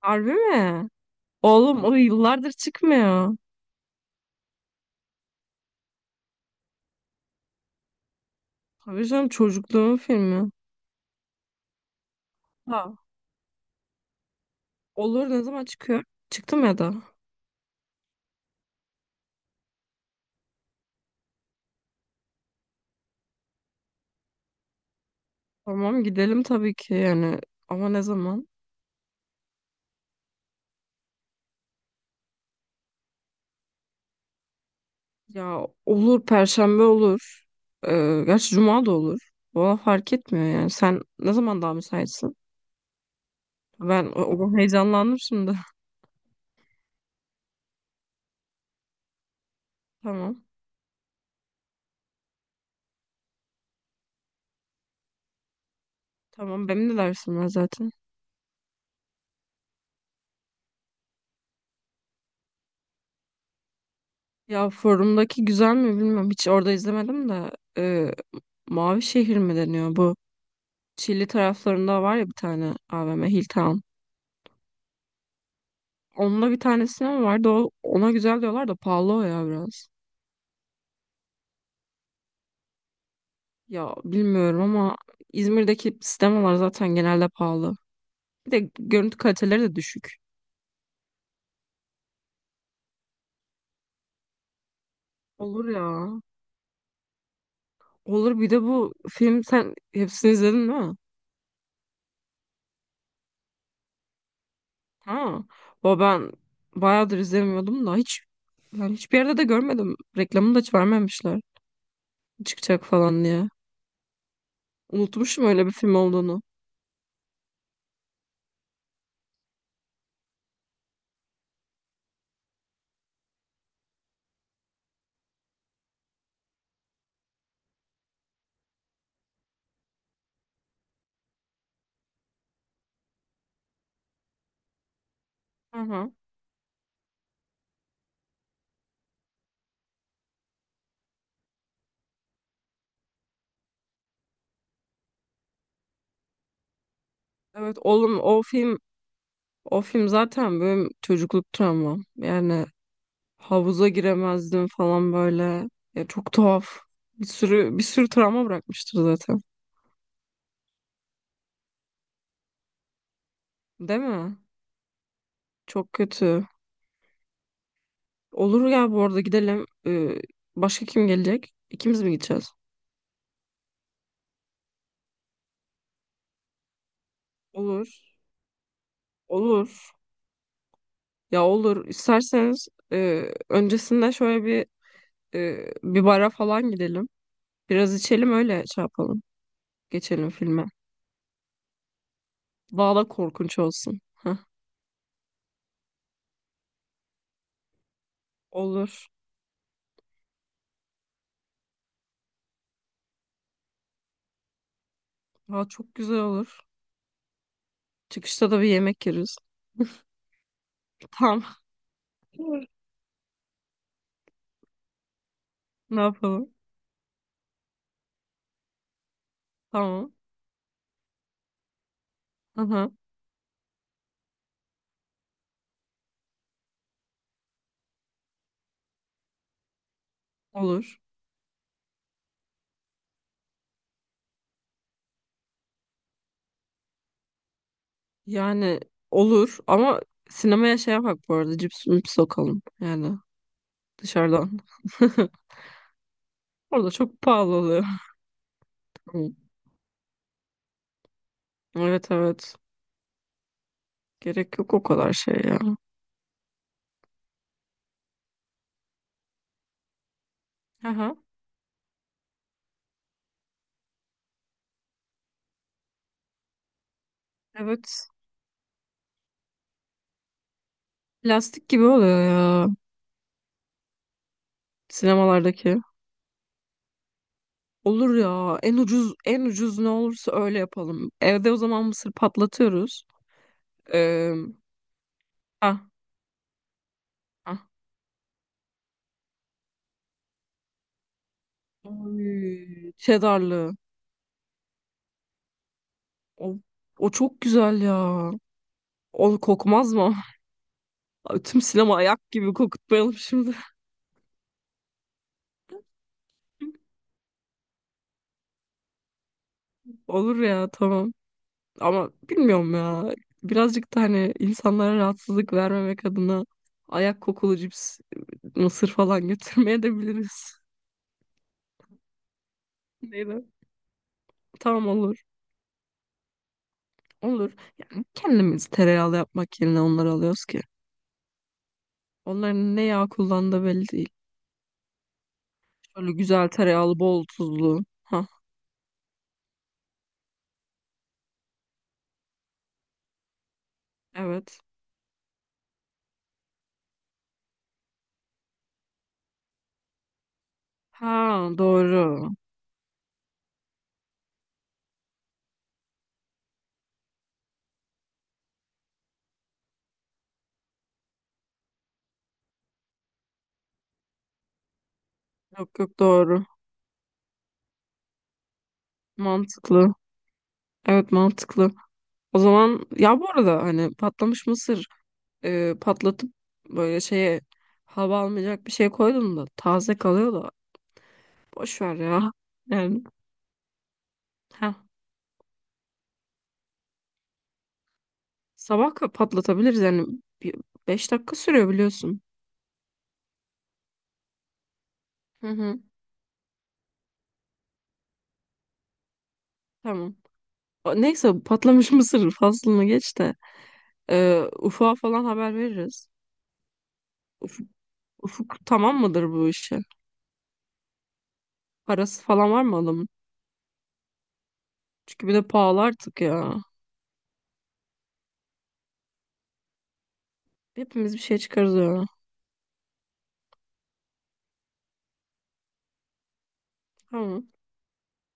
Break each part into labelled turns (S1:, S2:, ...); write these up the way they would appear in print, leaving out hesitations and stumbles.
S1: Harbi mi? Oğlum o yıllardır çıkmıyor. Tabii canım çocukluğumun filmi. Ha, olur ne zaman çıkıyor? Çıktı mı ya da? Tamam gidelim tabii ki yani. Ama ne zaman? Ya olur Perşembe olur. Gerçi Cuma da olur. Valla fark etmiyor yani. Sen ne zaman daha müsaitsin? Ben heyecanlandım şimdi. Tamam. Tamam benim de dersim var zaten. Ya forumdaki güzel mi bilmiyorum. Hiç orada izlemedim de. Ee, Mavi Şehir mi deniyor bu? Çilli taraflarında var ya bir tane AVM Hilltown. Onunla bir tanesine mi vardı? Ona güzel diyorlar da pahalı o ya biraz. Ya bilmiyorum ama İzmir'deki sinemalar zaten genelde pahalı. Bir de görüntü kaliteleri de düşük. Olur ya. Olur bir de bu film sen hepsini izledin değil mi? Ha. O ben bayağıdır izlemiyordum da hiç yani hiçbir yerde de görmedim. Reklamını da hiç vermemişler. Çıkacak falan diye. Unutmuşum öyle bir film olduğunu. Hı hı. Evet oğlum o film. O film zaten benim çocukluk travmam. Yani havuza giremezdim falan böyle. Ya çok tuhaf. Bir sürü bir sürü travma bırakmıştır zaten. Değil mi? Çok kötü. Olur ya bu arada gidelim. Başka kim gelecek? İkimiz mi gideceğiz? Olur. Olur. Ya olur. İsterseniz öncesinde şöyle bir bara falan gidelim. Biraz içelim öyle şey yapalım. Geçelim filme. Daha da korkunç olsun. Olur. Daha çok güzel olur. Çıkışta da bir yemek yeriz. Tamam. Ne yapalım? Tamam. Aha. Olur. Yani olur ama sinemaya şey yapak bu arada cips mips sokalım. Yani dışarıdan. Orada çok pahalı oluyor. Hı. Evet evet. Gerek yok o kadar şey ya. Aha. Evet. Plastik gibi oluyor ya sinemalardaki. Olur ya. En ucuz en ucuz ne olursa öyle yapalım. Evde o zaman mısır patlatıyoruz. Ee, ah, ah. Oy, Cheddarlı. O, o çok güzel ya. O kokmaz mı? Ay, tüm sinema ayak gibi kokutmayalım şimdi. Olur ya tamam. Ama bilmiyorum ya. Birazcık da hani insanlara rahatsızlık vermemek adına ayak kokulu cips, mısır falan götürmeye de biliriz. Neydi? Tamam olur. Olur. Kendimiz tereyağlı yapmak yerine onları alıyoruz ki. Onların ne yağ kullandığı belli değil. Şöyle güzel tereyağlı, bol tuzlu. Ha, evet. Ha doğru. Yok yok doğru. Mantıklı. Evet mantıklı. O zaman ya bu arada hani patlamış mısır patlatıp böyle şeye hava almayacak bir şey koydum da taze kalıyor da boş ver ya. Yani ha sabah patlatabiliriz yani bir, 5 dakika sürüyor biliyorsun. Hı hı. Tamam. Neyse patlamış mısır faslını geç de Ufuk'a falan haber veririz. Ufuk, Ufuk tamam mıdır bu işe? Parası falan var mı adamın? Çünkü bir de pahalı artık ya. Hepimiz bir şey çıkarız ya. Tamam.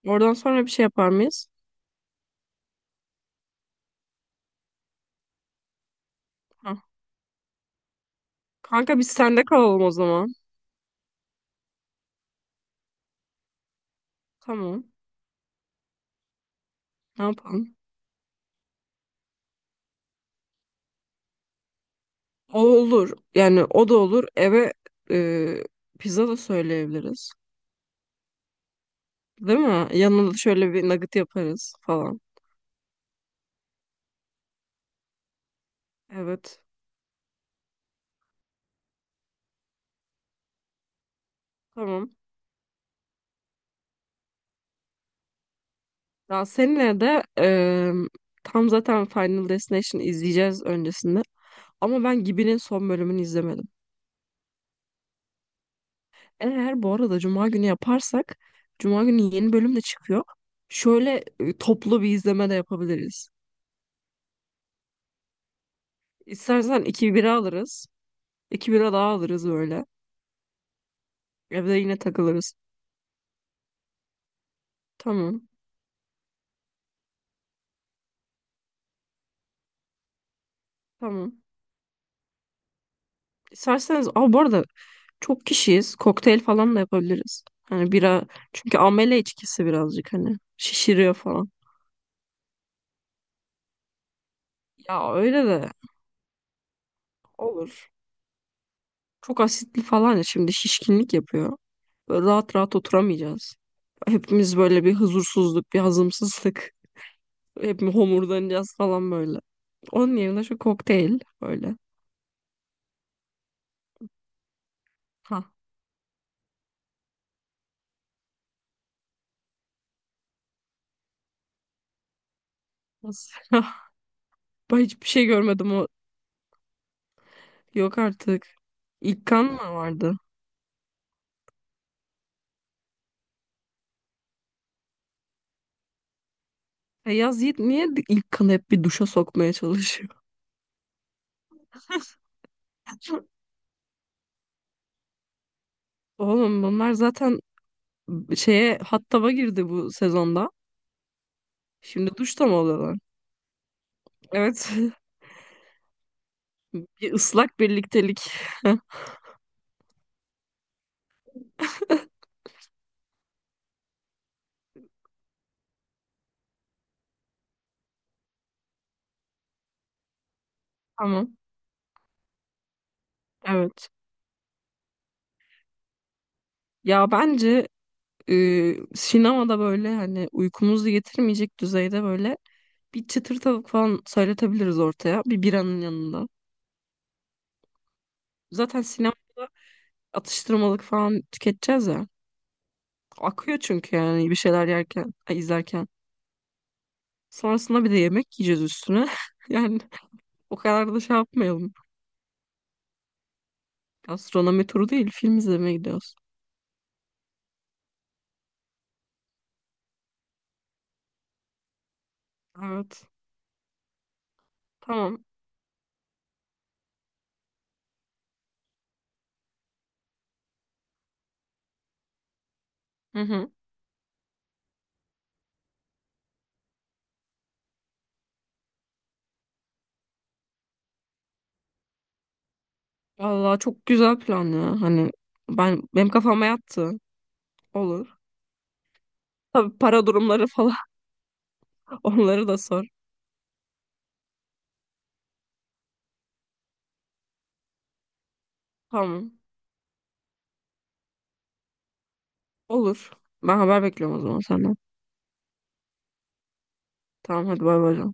S1: Oradan sonra bir şey yapar mıyız? Ha. Kanka biz sende kalalım o zaman. Tamam. Ne yapalım? O olur. Yani o da olur. Eve e, pizza da söyleyebiliriz. Değil mi? Yanına da şöyle bir nugget yaparız falan. Evet. Tamam. Ya seninle de tam zaten Final Destination izleyeceğiz öncesinde. Ama ben Gibi'nin son bölümünü izlemedim. Eğer bu arada Cuma günü yaparsak Cuma günü yeni bölüm de çıkıyor. Şöyle toplu bir izleme de yapabiliriz. İstersen iki bira alırız. İki bira daha alırız böyle. Evde yine takılırız. Tamam. Tamam. İsterseniz bu arada çok kişiyiz. Kokteyl falan da yapabiliriz. Hani bira çünkü amele içkisi birazcık hani şişiriyor falan. Ya öyle de olur. Çok asitli falan ya şimdi şişkinlik yapıyor. Böyle rahat rahat oturamayacağız. Hepimiz böyle bir huzursuzluk, bir hazımsızlık. Hepimiz homurdanacağız falan böyle. Onun yerine şu kokteyl böyle. Ha. Nasıl? Ben hiçbir şey görmedim o. Yok artık. İlk kan mı vardı? Ya Yaz Yiğit niye ilk kanı hep bir duşa sokmaya çalışıyor? Oğlum bunlar zaten şeye hattaba girdi bu sezonda. Şimdi duşta mı oluyorlar? Evet. Bir ıslak birliktelik. Tamam. Evet. Ya bence sinemada böyle hani uykumuzu getirmeyecek düzeyde böyle bir çıtır tavuk falan söyletebiliriz ortaya. Bir biranın yanında. Zaten sinemada atıştırmalık falan tüketeceğiz ya. Akıyor çünkü yani bir şeyler yerken, izlerken. Sonrasında bir de yemek yiyeceğiz üstüne. Yani o kadar da şey yapmayalım. Gastronomi turu değil, film izlemeye gidiyoruz. Evet. Tamam. Hı hı. Vallahi çok güzel plan ya. Hani benim kafama yattı. Olur. Tabii para durumları falan onları da sor. Tamam. Olur. Ben haber bekliyorum o zaman senden. Tamam hadi bay bay.